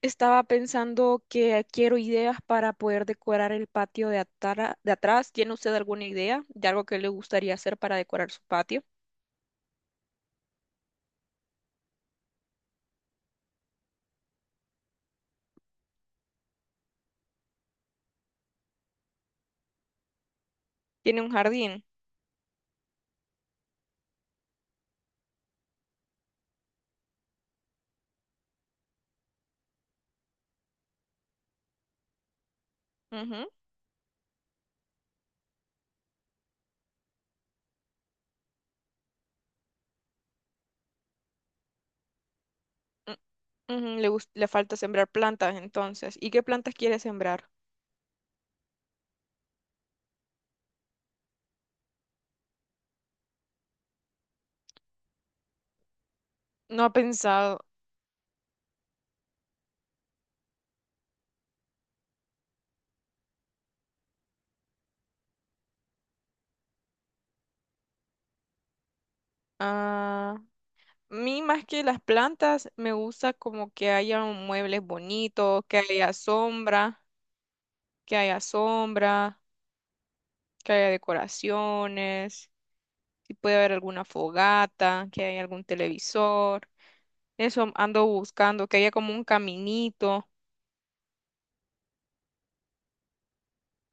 Estaba pensando que quiero ideas para poder decorar el patio de atrás. ¿Tiene usted alguna idea de algo que le gustaría hacer para decorar su patio? Tiene un jardín. Ujú. u- Le falta sembrar plantas entonces. ¿Y qué plantas quiere sembrar? No ha pensado. Ah, a mí más que las plantas, me gusta como que haya un muebles bonitos, que haya sombra, que haya sombra, que haya decoraciones. Si puede haber alguna fogata, que haya algún televisor. Eso ando buscando, que haya como un caminito.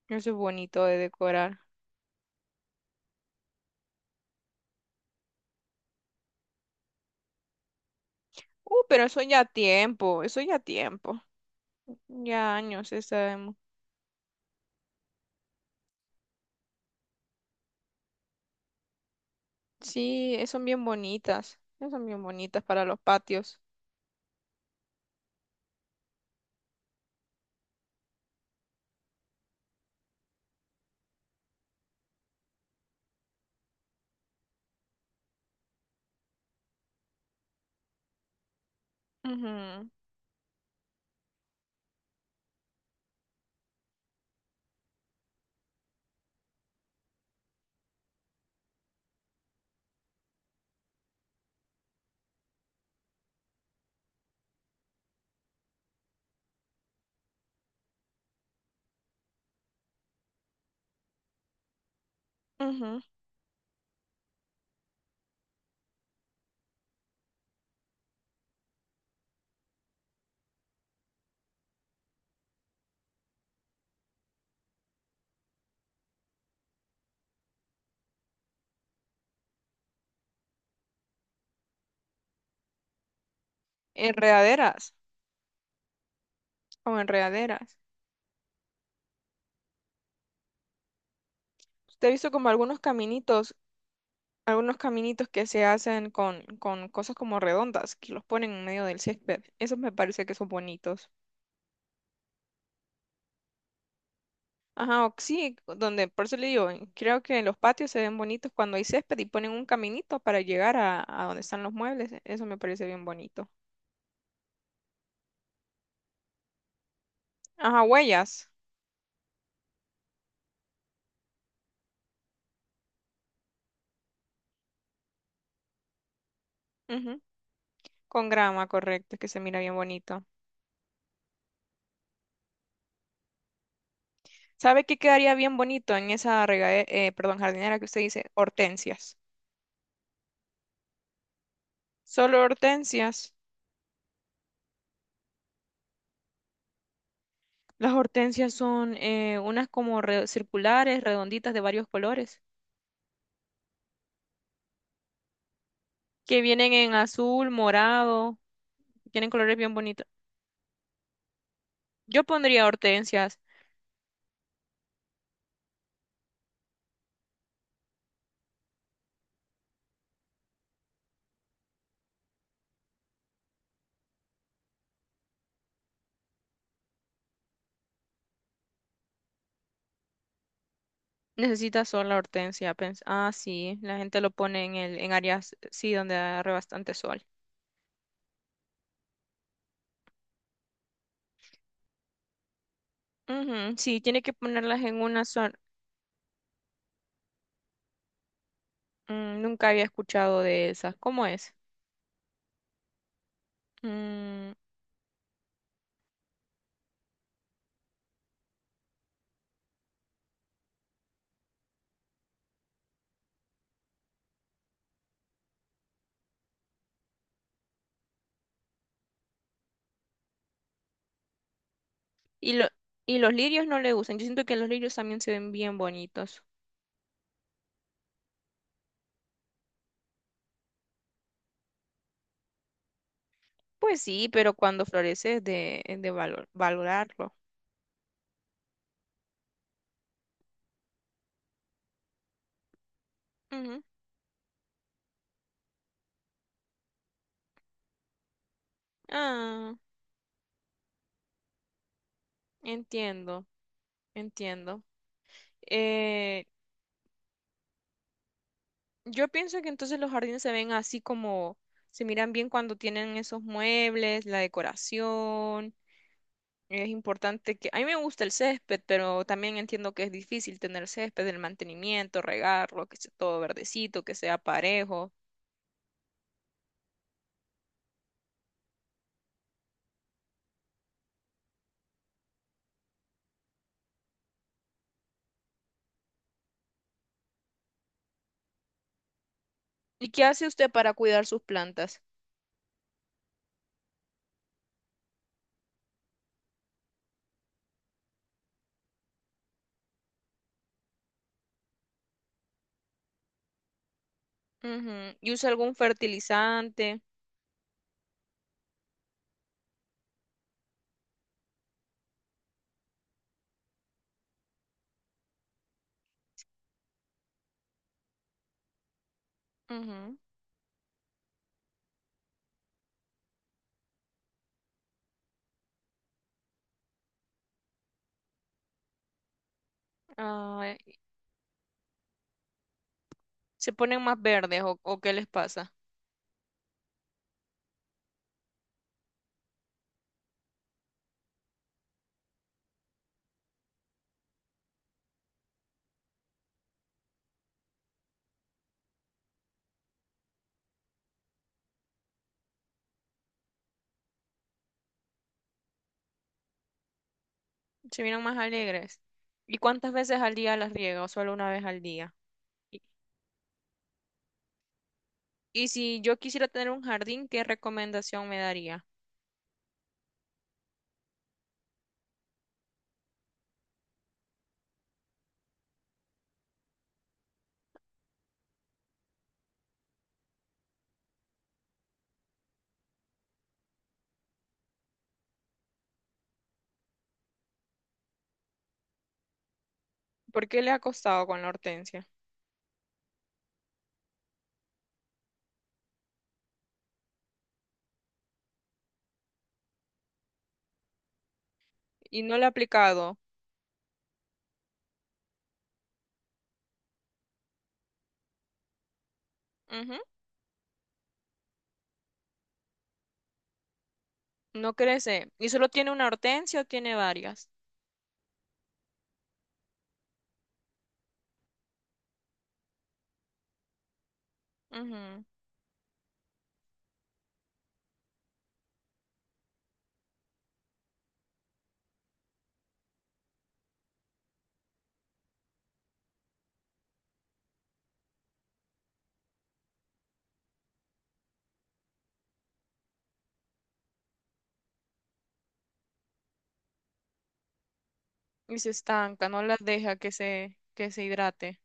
Eso es bonito de decorar. Pero eso ya tiempo, eso ya tiempo. Ya años, ya sabemos. Sí, son bien bonitas. Son bien bonitas para los patios. Ujú, ujú. Enredaderas o enredaderas. Usted ha visto como algunos caminitos, algunos caminitos que se hacen con cosas como redondas, que los ponen en medio del césped. Esos me parece que son bonitos. Ajá, o sí, donde, por eso le digo, creo que los patios se ven bonitos cuando hay césped y ponen un caminito para llegar a donde están los muebles. Eso me parece bien bonito. Ajá, huellas. Ujú, con grama, correcto, que se mira bien bonito. ¿Sabe qué quedaría bien bonito en esa regadera, perdón, jardinera que usted dice? Hortensias. Solo hortensias. Las hortensias son unas como circulares, redonditas de varios colores, que vienen en azul, morado, tienen colores bien bonitos. Yo pondría hortensias. Necesitas sol la hortensia. Ah, sí, la gente lo pone en áreas, sí, donde agarre bastante sol. Ujú, sí, tiene que ponerlas en una zona. Mm, nunca había escuchado de esas. ¿Cómo es? Mm. y, lo- y los lirios no le gustan. Yo siento que los lirios también se ven bien bonitos. Pues sí, pero cuando florece es de valorarlo. Ujú. Ah, entiendo, entiendo. Eh, yo pienso que entonces los jardines se ven así como se miran bien cuando tienen esos muebles, la decoración. Es importante que... A mí me gusta el césped, pero también entiendo que es difícil tener césped, el mantenimiento, regarlo, que sea todo verdecito, que sea parejo. ¿Y qué hace usted para cuidar sus plantas? Ujú. ¿Y usa algún fertilizante? Ujú. Ah, ¿se ponen más verdes o qué les pasa? Se miran más alegres. ¿Y cuántas veces al día las riega o solo una vez al día? Y, y si yo quisiera tener un jardín, ¿qué recomendación me daría? ¿Por qué le ha costado con la hortensia? Y no le ha aplicado. Ujú. No crece. ¿Y solo tiene una hortensia o tiene varias? Ujú. Y se estanca, no las deja que que se hidrate.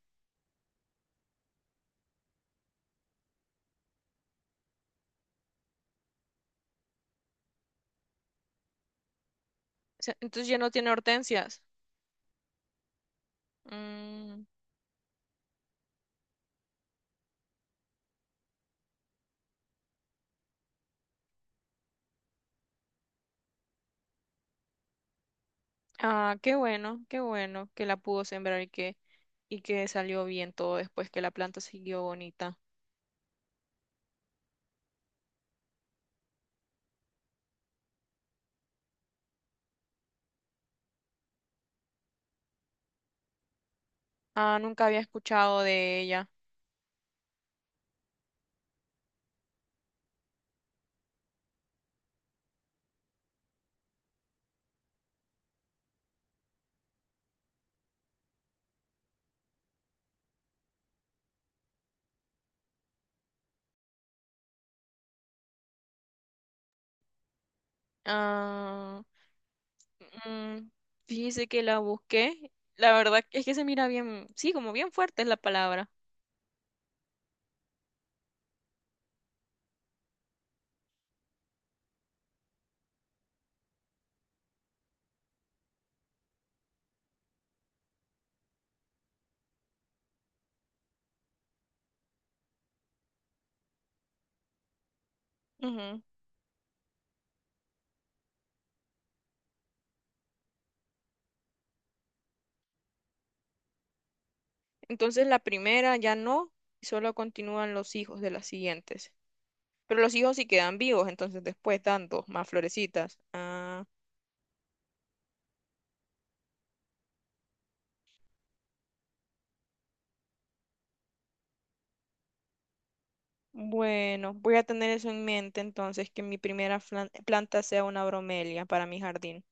O sea, entonces ya no tiene hortensias. Mm. Ah, qué bueno que la pudo sembrar y que salió bien todo después que la planta siguió bonita. Ah, nunca había escuchado de ella. Ah, mm, fíjese que la busqué. La verdad es que se mira bien, sí, como bien fuerte es la palabra. Ujú. Entonces la primera ya no, y solo continúan los hijos de las siguientes. Pero los hijos sí quedan vivos, entonces después dan dos más florecitas. Ah. Bueno, voy a tener eso en mente entonces, que mi primera planta sea una bromelia para mi jardín.